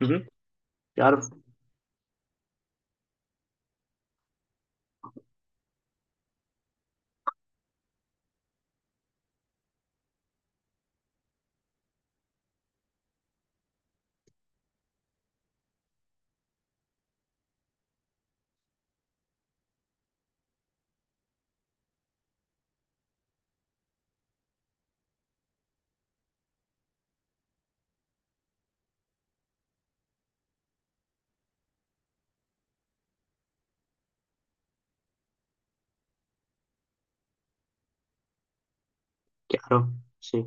Mhm. Chiaro? Chiaro, sì.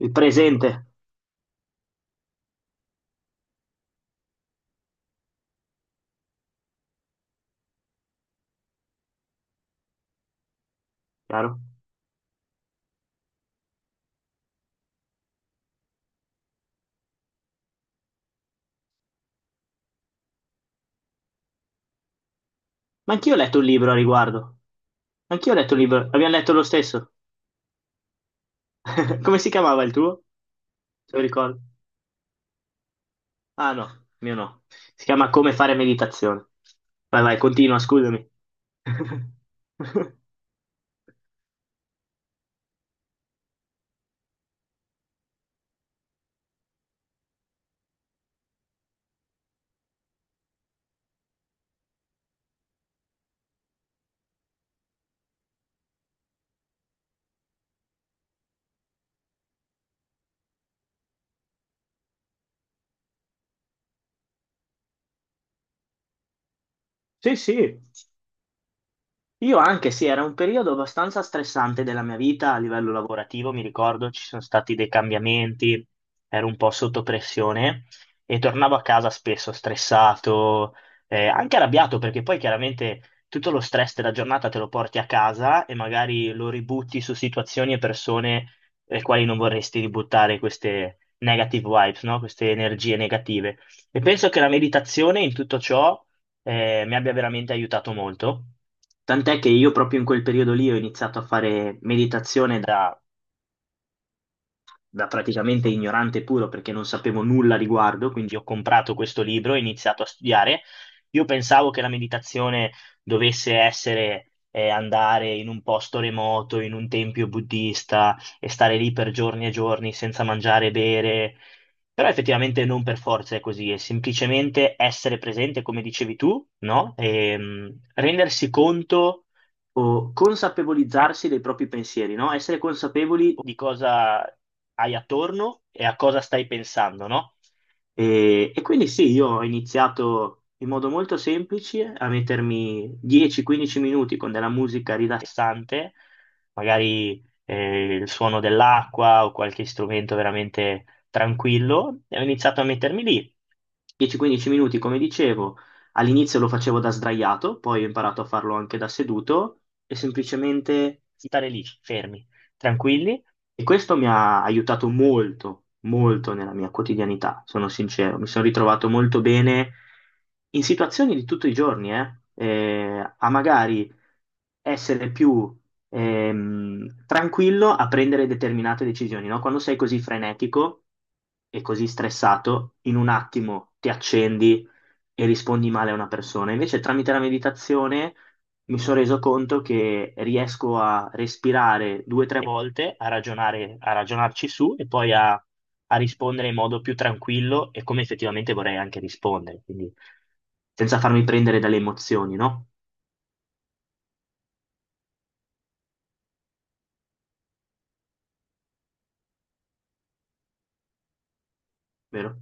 Il presente, chiaro. Ma anch'io ho letto un libro a riguardo. Anch'io ho letto un libro. Abbiamo letto lo stesso. Come si chiamava il tuo? Se lo ricordo. Ah no, mio no. Si chiama Come fare meditazione. Vai, vai, continua, scusami. Sì, sì. Io anche sì, era un periodo abbastanza stressante della mia vita a livello lavorativo, mi ricordo ci sono stati dei cambiamenti, ero un po' sotto pressione e tornavo a casa spesso stressato, anche arrabbiato perché poi chiaramente tutto lo stress della giornata te lo porti a casa e magari lo ributti su situazioni e persone le quali non vorresti ributtare queste negative vibes, no? Queste energie negative. E penso che la meditazione in tutto ciò, mi abbia veramente aiutato molto. Tant'è che io proprio in quel periodo lì ho iniziato a fare meditazione da praticamente ignorante puro perché non sapevo nulla a riguardo, quindi ho comprato questo libro e ho iniziato a studiare. Io pensavo che la meditazione dovesse essere andare in un posto remoto, in un tempio buddista e stare lì per giorni e giorni senza mangiare e bere, però effettivamente non per forza è così, è semplicemente essere presente, come dicevi tu, no? Rendersi conto o consapevolizzarsi dei propri pensieri, no? Essere consapevoli di cosa hai attorno e a cosa stai pensando, no? E quindi sì, io ho iniziato in modo molto semplice a mettermi 10-15 minuti con della musica rilassante, magari il suono dell'acqua o qualche strumento veramente tranquillo, e ho iniziato a mettermi lì. 10-15 minuti, come dicevo, all'inizio lo facevo da sdraiato, poi ho imparato a farlo anche da seduto e semplicemente stare lì, fermi, tranquilli. E questo mi ha aiutato molto, molto nella mia quotidianità, sono sincero. Mi sono ritrovato molto bene in situazioni di tutti i giorni, a magari essere più tranquillo a prendere determinate decisioni, no? Quando sei così frenetico e così stressato, in un attimo ti accendi e rispondi male a una persona. Invece tramite la meditazione mi sono reso conto che riesco a respirare due o tre volte, a ragionare, a ragionarci su e poi a rispondere in modo più tranquillo e come effettivamente vorrei anche rispondere, quindi senza farmi prendere dalle emozioni, no? Vero?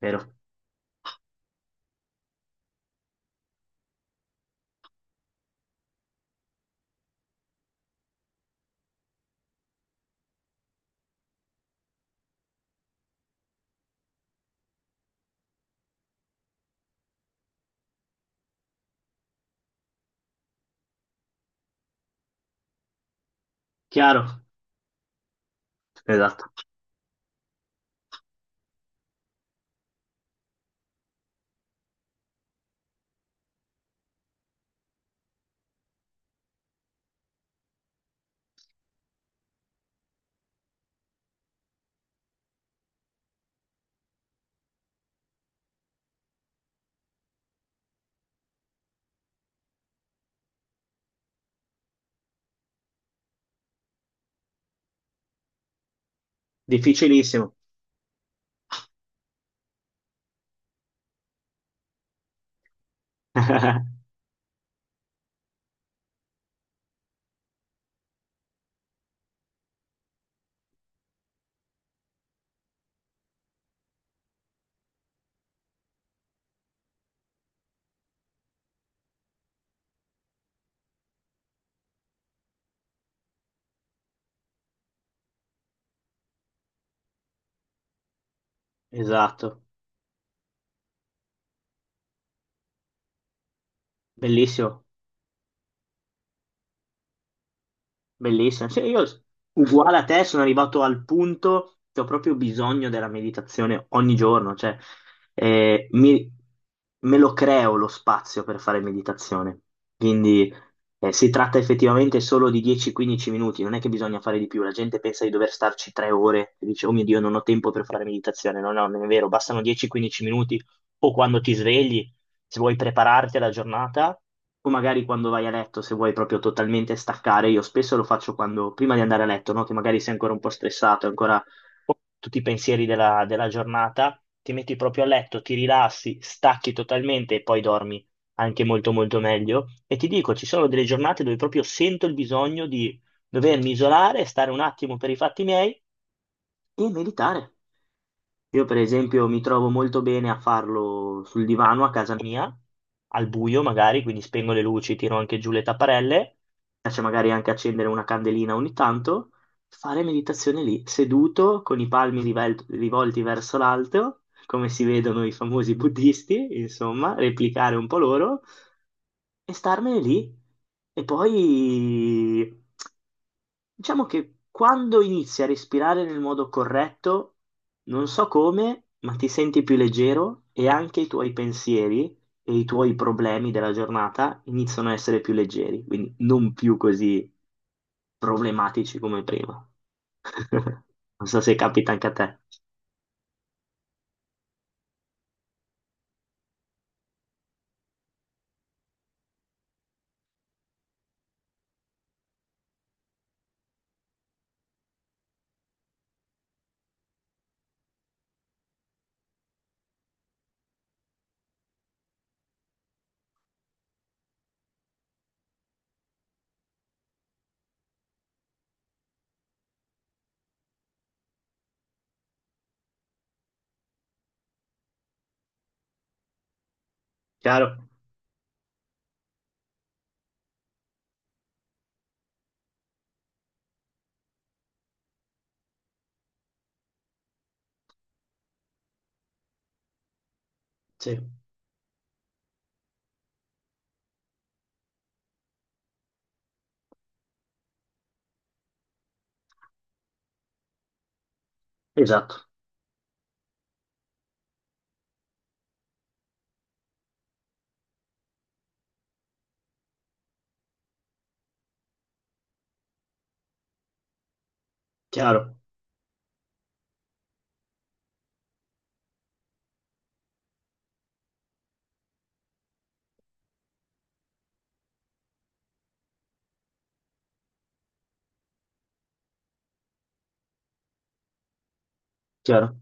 Vero. Chiaro? Esatto. Difficilissimo. Esatto. Bellissimo. Bellissimo. Sì, io uguale a te sono arrivato al punto che ho proprio bisogno della meditazione ogni giorno, cioè eh, mi- me lo creo lo spazio per fare meditazione. Quindi si tratta effettivamente solo di 10-15 minuti, non è che bisogna fare di più. La gente pensa di dover starci 3 ore e dice, oh mio Dio, non ho tempo per fare meditazione. No, no, non è vero, bastano 10-15 minuti o quando ti svegli se vuoi prepararti alla giornata o magari quando vai a letto, se vuoi proprio totalmente staccare. Io spesso lo faccio quando, prima di andare a letto, no? Che magari sei ancora un po' stressato, ancora tutti i pensieri della giornata, ti metti proprio a letto, ti rilassi, stacchi totalmente e poi dormi anche molto molto meglio. E ti dico, ci sono delle giornate dove proprio sento il bisogno di dovermi isolare, stare un attimo per i fatti miei e meditare. Io, per esempio, mi trovo molto bene a farlo sul divano a casa mia, al buio magari, quindi spengo le luci, tiro anche giù le tapparelle, mi piace magari anche accendere una candelina ogni tanto, fare meditazione lì, seduto, con i palmi rivolti verso l'alto, come si vedono i famosi buddisti, insomma, replicare un po' loro e starmene lì. E poi, diciamo che quando inizi a respirare nel modo corretto, non so come, ma ti senti più leggero e anche i tuoi pensieri e i tuoi problemi della giornata iniziano a essere più leggeri, quindi non più così problematici come prima. Non so se capita anche a te. Chiaro? Sì, esatto. Chiaro, chiaro.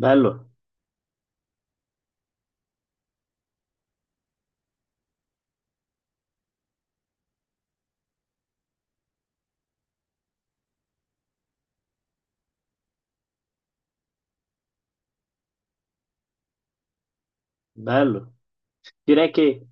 Bello, bello. Direi che